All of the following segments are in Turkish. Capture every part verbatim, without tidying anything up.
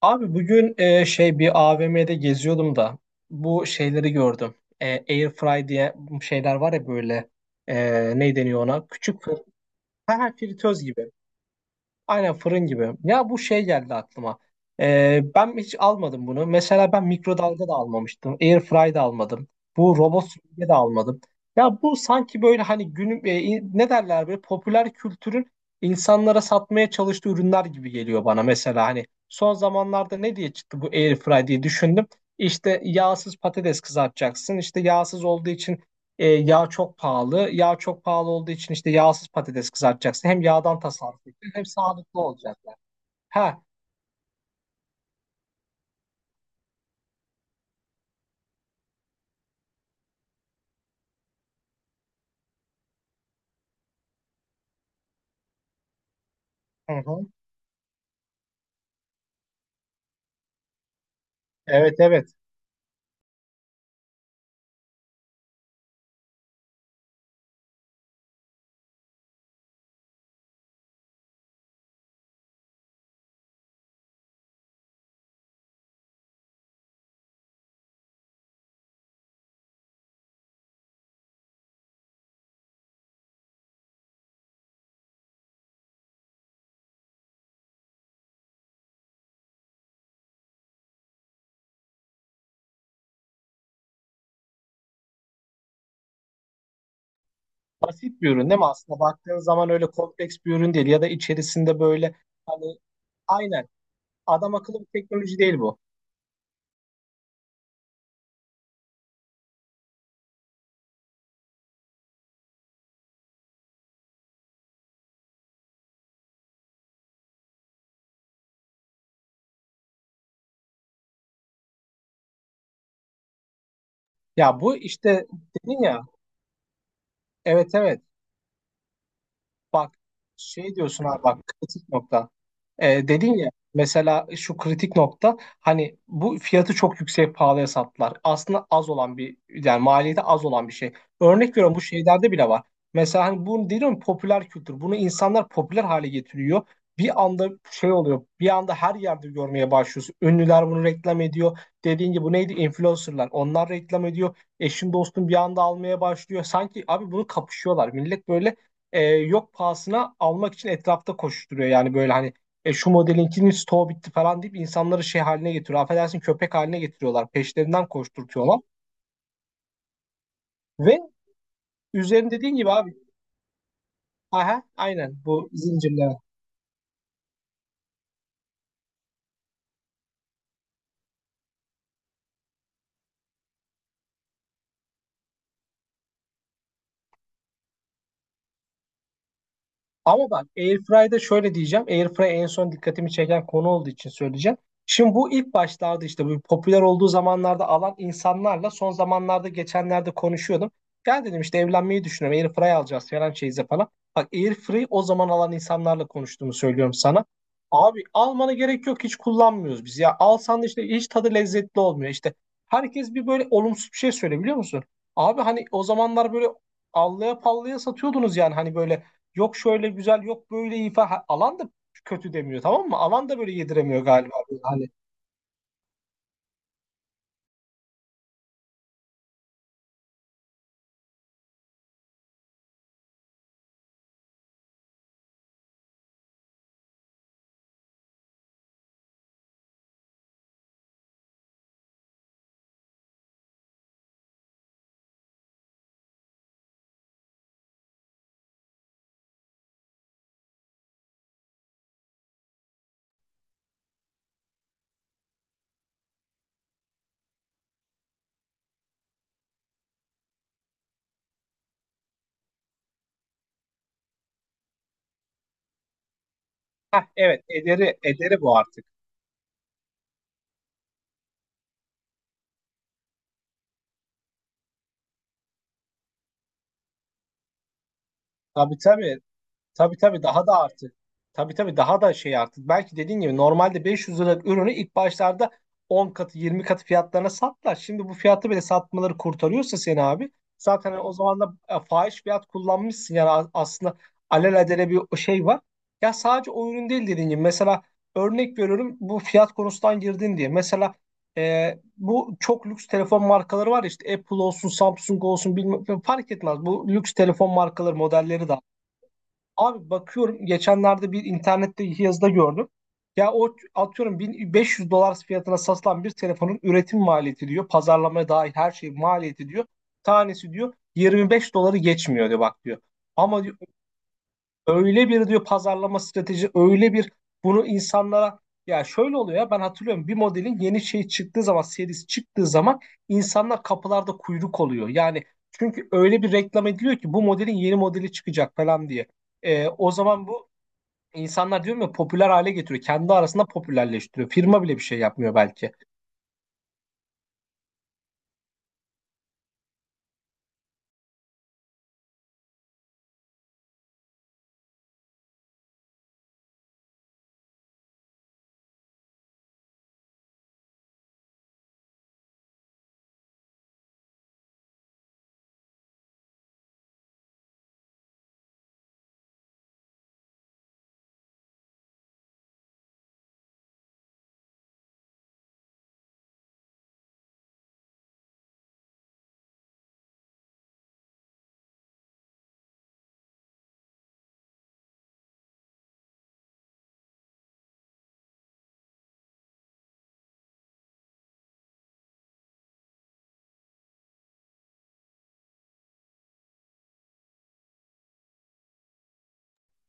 Abi bugün e, şey bir A V M'de geziyordum da bu şeyleri gördüm. E, air fry diye şeyler var ya böyle, e, ne deniyor ona? Küçük fır ha, ha, fritöz gibi. Aynen fırın gibi. Ya bu şey geldi aklıma. Ee, ben hiç almadım bunu. Mesela ben mikrodalga da almamıştım. Airfry da almadım. Bu robot süpürge de almadım. Ya bu sanki böyle hani günün e, in- ne derler, böyle popüler kültürün insanlara satmaya çalıştığı ürünler gibi geliyor bana. Mesela hani son zamanlarda ne diye çıktı bu Airfry diye düşündüm. İşte yağsız patates kızartacaksın. İşte yağsız olduğu için e, yağ çok pahalı. Yağ çok pahalı olduğu için işte yağsız patates kızartacaksın. Hem yağdan tasarruf edeceksin, hem sağlıklı olacaklar. Ha. Hı hı. Evet, evet. Basit bir ürün değil mi? Aslında baktığın zaman öyle kompleks bir ürün değil. Ya da içerisinde böyle, hani, aynen, adam akıllı bir teknoloji değil bu. Ya bu işte, dedin ya, evet evet, bak, şey diyorsun abi, bak, kritik nokta. E, dedin ya mesela şu kritik nokta, hani bu fiyatı çok yüksek, pahalıya sattılar. Aslında az olan bir, yani maliyeti az olan bir şey. Örnek veriyorum, bu şeylerde bile var. Mesela hani, bunu diyorum, popüler kültür. Bunu insanlar popüler hale getiriyor. Bir anda şey oluyor. Bir anda her yerde görmeye başlıyorsun. Ünlüler bunu reklam ediyor. Dediğin gibi, bu neydi? Influencerlar. Onlar reklam ediyor. Eşin dostun bir anda almaya başlıyor. Sanki abi bunu kapışıyorlar. Millet böyle e, yok pahasına almak için etrafta koşturuyor. Yani böyle hani, e, şu modelinkinin stoğu bitti falan deyip insanları şey haline getiriyor. Affedersin, köpek haline getiriyorlar. Peşlerinden koşturtuyorlar. Ve üzerinde, dediğin gibi abi, aha aynen, bu zincirler. Ama bak, Airfry'da şöyle diyeceğim. Airfry en son dikkatimi çeken konu olduğu için söyleyeceğim. Şimdi bu ilk başlarda, işte bu popüler olduğu zamanlarda alan insanlarla son zamanlarda, geçenlerde konuşuyordum. Gel dedim, işte evlenmeyi düşünüyorum. Airfry alacağız falan şeyize falan. Bak, Airfry o zaman alan insanlarla konuştuğumu söylüyorum sana. Abi, almana gerek yok, hiç kullanmıyoruz biz. Ya alsan da işte hiç tadı lezzetli olmuyor. İşte herkes bir böyle olumsuz bir şey söyle, biliyor musun? Abi hani o zamanlar böyle allaya pallaya satıyordunuz yani, hani böyle, yok şöyle güzel, yok böyle iyi falan. Ha, alan da kötü demiyor, tamam mı? Alan da böyle yediremiyor galiba. Hani, heh, evet, Eder'i Eder'i bu artık. Tabii tabii. Tabii tabii daha da artık. Tabii tabii daha da şey artık. Belki dediğin gibi, normalde beş yüz liralık ürünü ilk başlarda on katı, yirmi katı fiyatlarına sattılar. Şimdi bu fiyatı bile satmaları kurtarıyorsa seni abi, zaten hani o zaman da e, fahiş fiyat kullanmışsın. Yani a- aslında alelacele bir şey var. Ya sadece o ürün değil, dediğin gibi. Mesela, örnek veriyorum bu fiyat konusundan girdin diye. Mesela e, bu çok lüks telefon markaları var ya, işte Apple olsun, Samsung olsun, bilmem, fark etmez. Bu lüks telefon markaları modelleri de, abi bakıyorum, geçenlerde bir internette yazıda gördüm. Ya o, atıyorum, bin beş yüz dolar fiyatına satılan bir telefonun üretim maliyeti diyor, pazarlamaya dahil her şey maliyeti diyor, tanesi diyor yirmi beş doları geçmiyor diyor, bak diyor. Ama, öyle bir diyor pazarlama strateji, öyle bir bunu insanlara, ya şöyle oluyor ya, ben hatırlıyorum bir modelin yeni şey çıktığı zaman, serisi çıktığı zaman insanlar kapılarda kuyruk oluyor. Yani çünkü öyle bir reklam ediliyor ki, bu modelin yeni modeli çıkacak falan diye. Ee, o zaman bu insanlar, diyorum ya, popüler hale getiriyor. Kendi arasında popülerleştiriyor. Firma bile bir şey yapmıyor belki.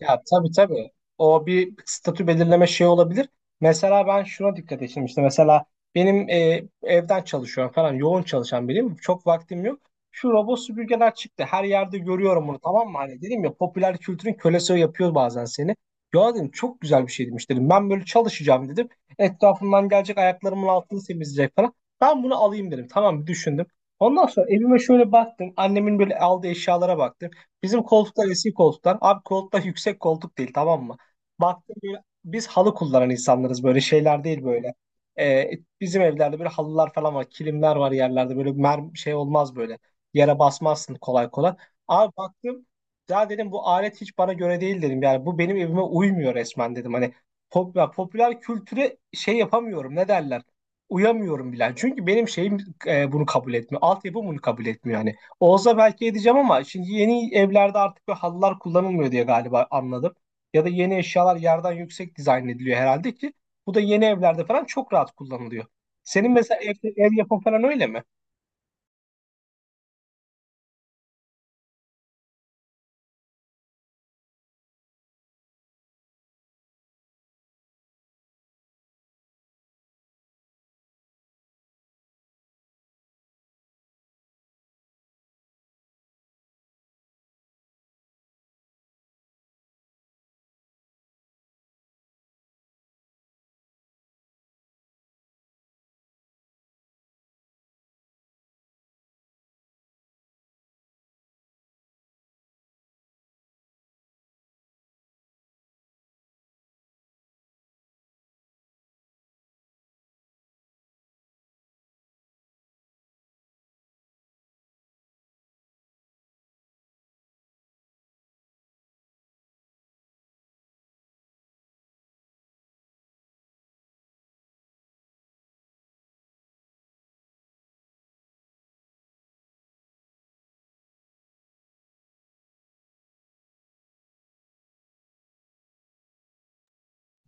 Ya tabii tabii. O bir statü belirleme şey olabilir. Mesela ben şuna dikkat ettim işte. Mesela benim e, evden çalışıyorum falan. Yoğun çalışan biriyim. Çok vaktim yok. Şu robot süpürgeler çıktı. Her yerde görüyorum bunu, tamam mı? Hani dedim ya, popüler kültürün kölesi yapıyor bazen seni. Ya dedim, çok güzel bir şeymiş dedim. Ben böyle çalışacağım dedim. Etrafımdan gelecek, ayaklarımın altını temizleyecek falan. Ben bunu alayım dedim. Tamam, bir düşündüm. Ondan sonra evime şöyle baktım. Annemin böyle aldığı eşyalara baktım. Bizim koltuklar eski koltuklar. Abi, koltuklar yüksek koltuk değil, tamam mı? Baktım böyle biz halı kullanan insanlarız, böyle şeyler değil böyle. Ee, Bizim evlerde böyle halılar falan var. Kilimler var yerlerde böyle, mer şey olmaz böyle. Yere basmazsın kolay kolay. Abi baktım, ya dedim bu alet hiç bana göre değil dedim. Yani bu benim evime uymuyor resmen dedim. Hani pop, ya popüler kültüre şey yapamıyorum, ne derler. Uyamıyorum bile. Çünkü benim şeyim e, bunu kabul etmiyor. Altyapım bunu kabul etmiyor yani. Olsa belki edeceğim ama şimdi yeni evlerde artık böyle halılar kullanılmıyor diye galiba anladım. Ya da yeni eşyalar yerden yüksek dizayn ediliyor herhalde ki bu da yeni evlerde falan çok rahat kullanılıyor. Senin mesela ev, ev yapın falan öyle mi?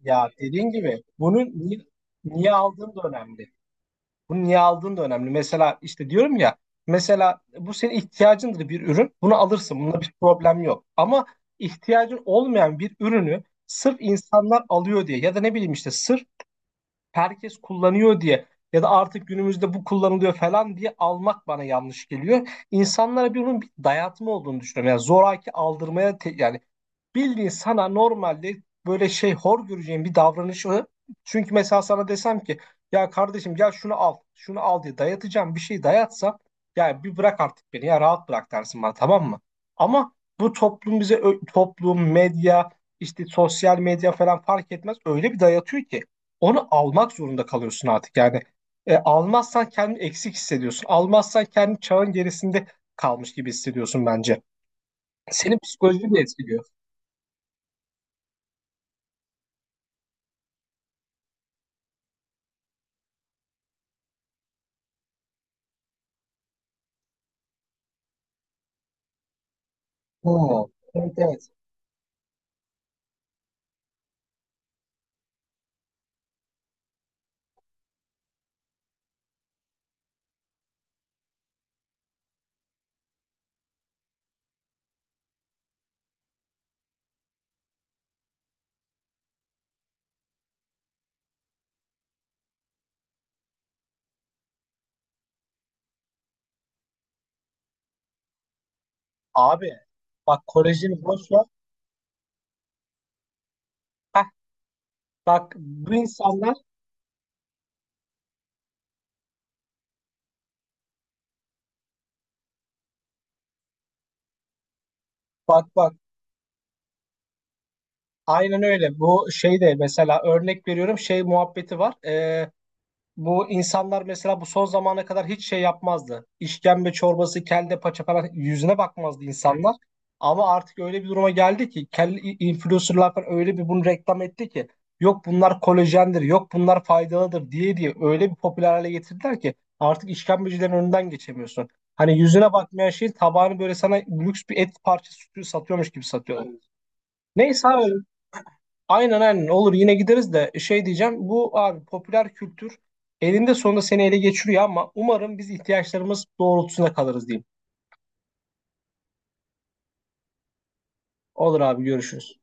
Ya dediğin gibi, bunu niye, niye aldığın da önemli. Bunu niye aldığın da önemli. Mesela işte, diyorum ya, mesela bu senin ihtiyacındır bir ürün. Bunu alırsın. Bunda bir problem yok. Ama ihtiyacın olmayan bir ürünü sırf insanlar alıyor diye ya da ne bileyim işte sırf herkes kullanıyor diye ya da artık günümüzde bu kullanılıyor falan diye almak bana yanlış geliyor. İnsanlara bir, bunun bir dayatma olduğunu düşünüyorum. Yani zoraki aldırmaya te- yani, bildiğin sana normalde böyle şey hor göreceğin bir davranışı, çünkü mesela sana desem ki, ya kardeşim gel şunu al, şunu al diye dayatacağım bir şey dayatsam, ya bir bırak artık beni ya, rahat bırak dersin bana, tamam mı? Ama bu toplum bize, ö- toplum, medya, işte sosyal medya falan, fark etmez, öyle bir dayatıyor ki onu almak zorunda kalıyorsun artık yani. E, almazsan kendini eksik hissediyorsun, almazsan kendini çağın gerisinde kalmış gibi hissediyorsun bence. Senin psikolojini de etkiliyor. Oo, evet evet. Abi bak, Kore'cini boş ver. Heh, bak bu insanlar, bak bak, aynen öyle. Bu şey de mesela, örnek veriyorum, şey muhabbeti var. Ee, Bu insanlar mesela bu son zamana kadar hiç şey yapmazdı. İşkembe çorbası, kelle paça falan yüzüne bakmazdı, Evet. insanlar. Ama artık öyle bir duruma geldi ki, kelle influencerlar falan öyle bir bunu reklam etti ki, yok bunlar kolajendir, yok bunlar faydalıdır diye diye öyle bir popüler hale getirdiler ki artık işkembecilerin önünden geçemiyorsun. Hani yüzüne bakmayan şey tabağını böyle sana lüks bir et parçası satıyormuş gibi satıyorlar. Neyse abi, aynen aynen, olur, yine gideriz de, şey diyeceğim, bu abi popüler kültür elinde sonunda seni ele geçiriyor ama umarım biz ihtiyaçlarımız doğrultusunda kalırız diyeyim. Olur abi, görüşürüz.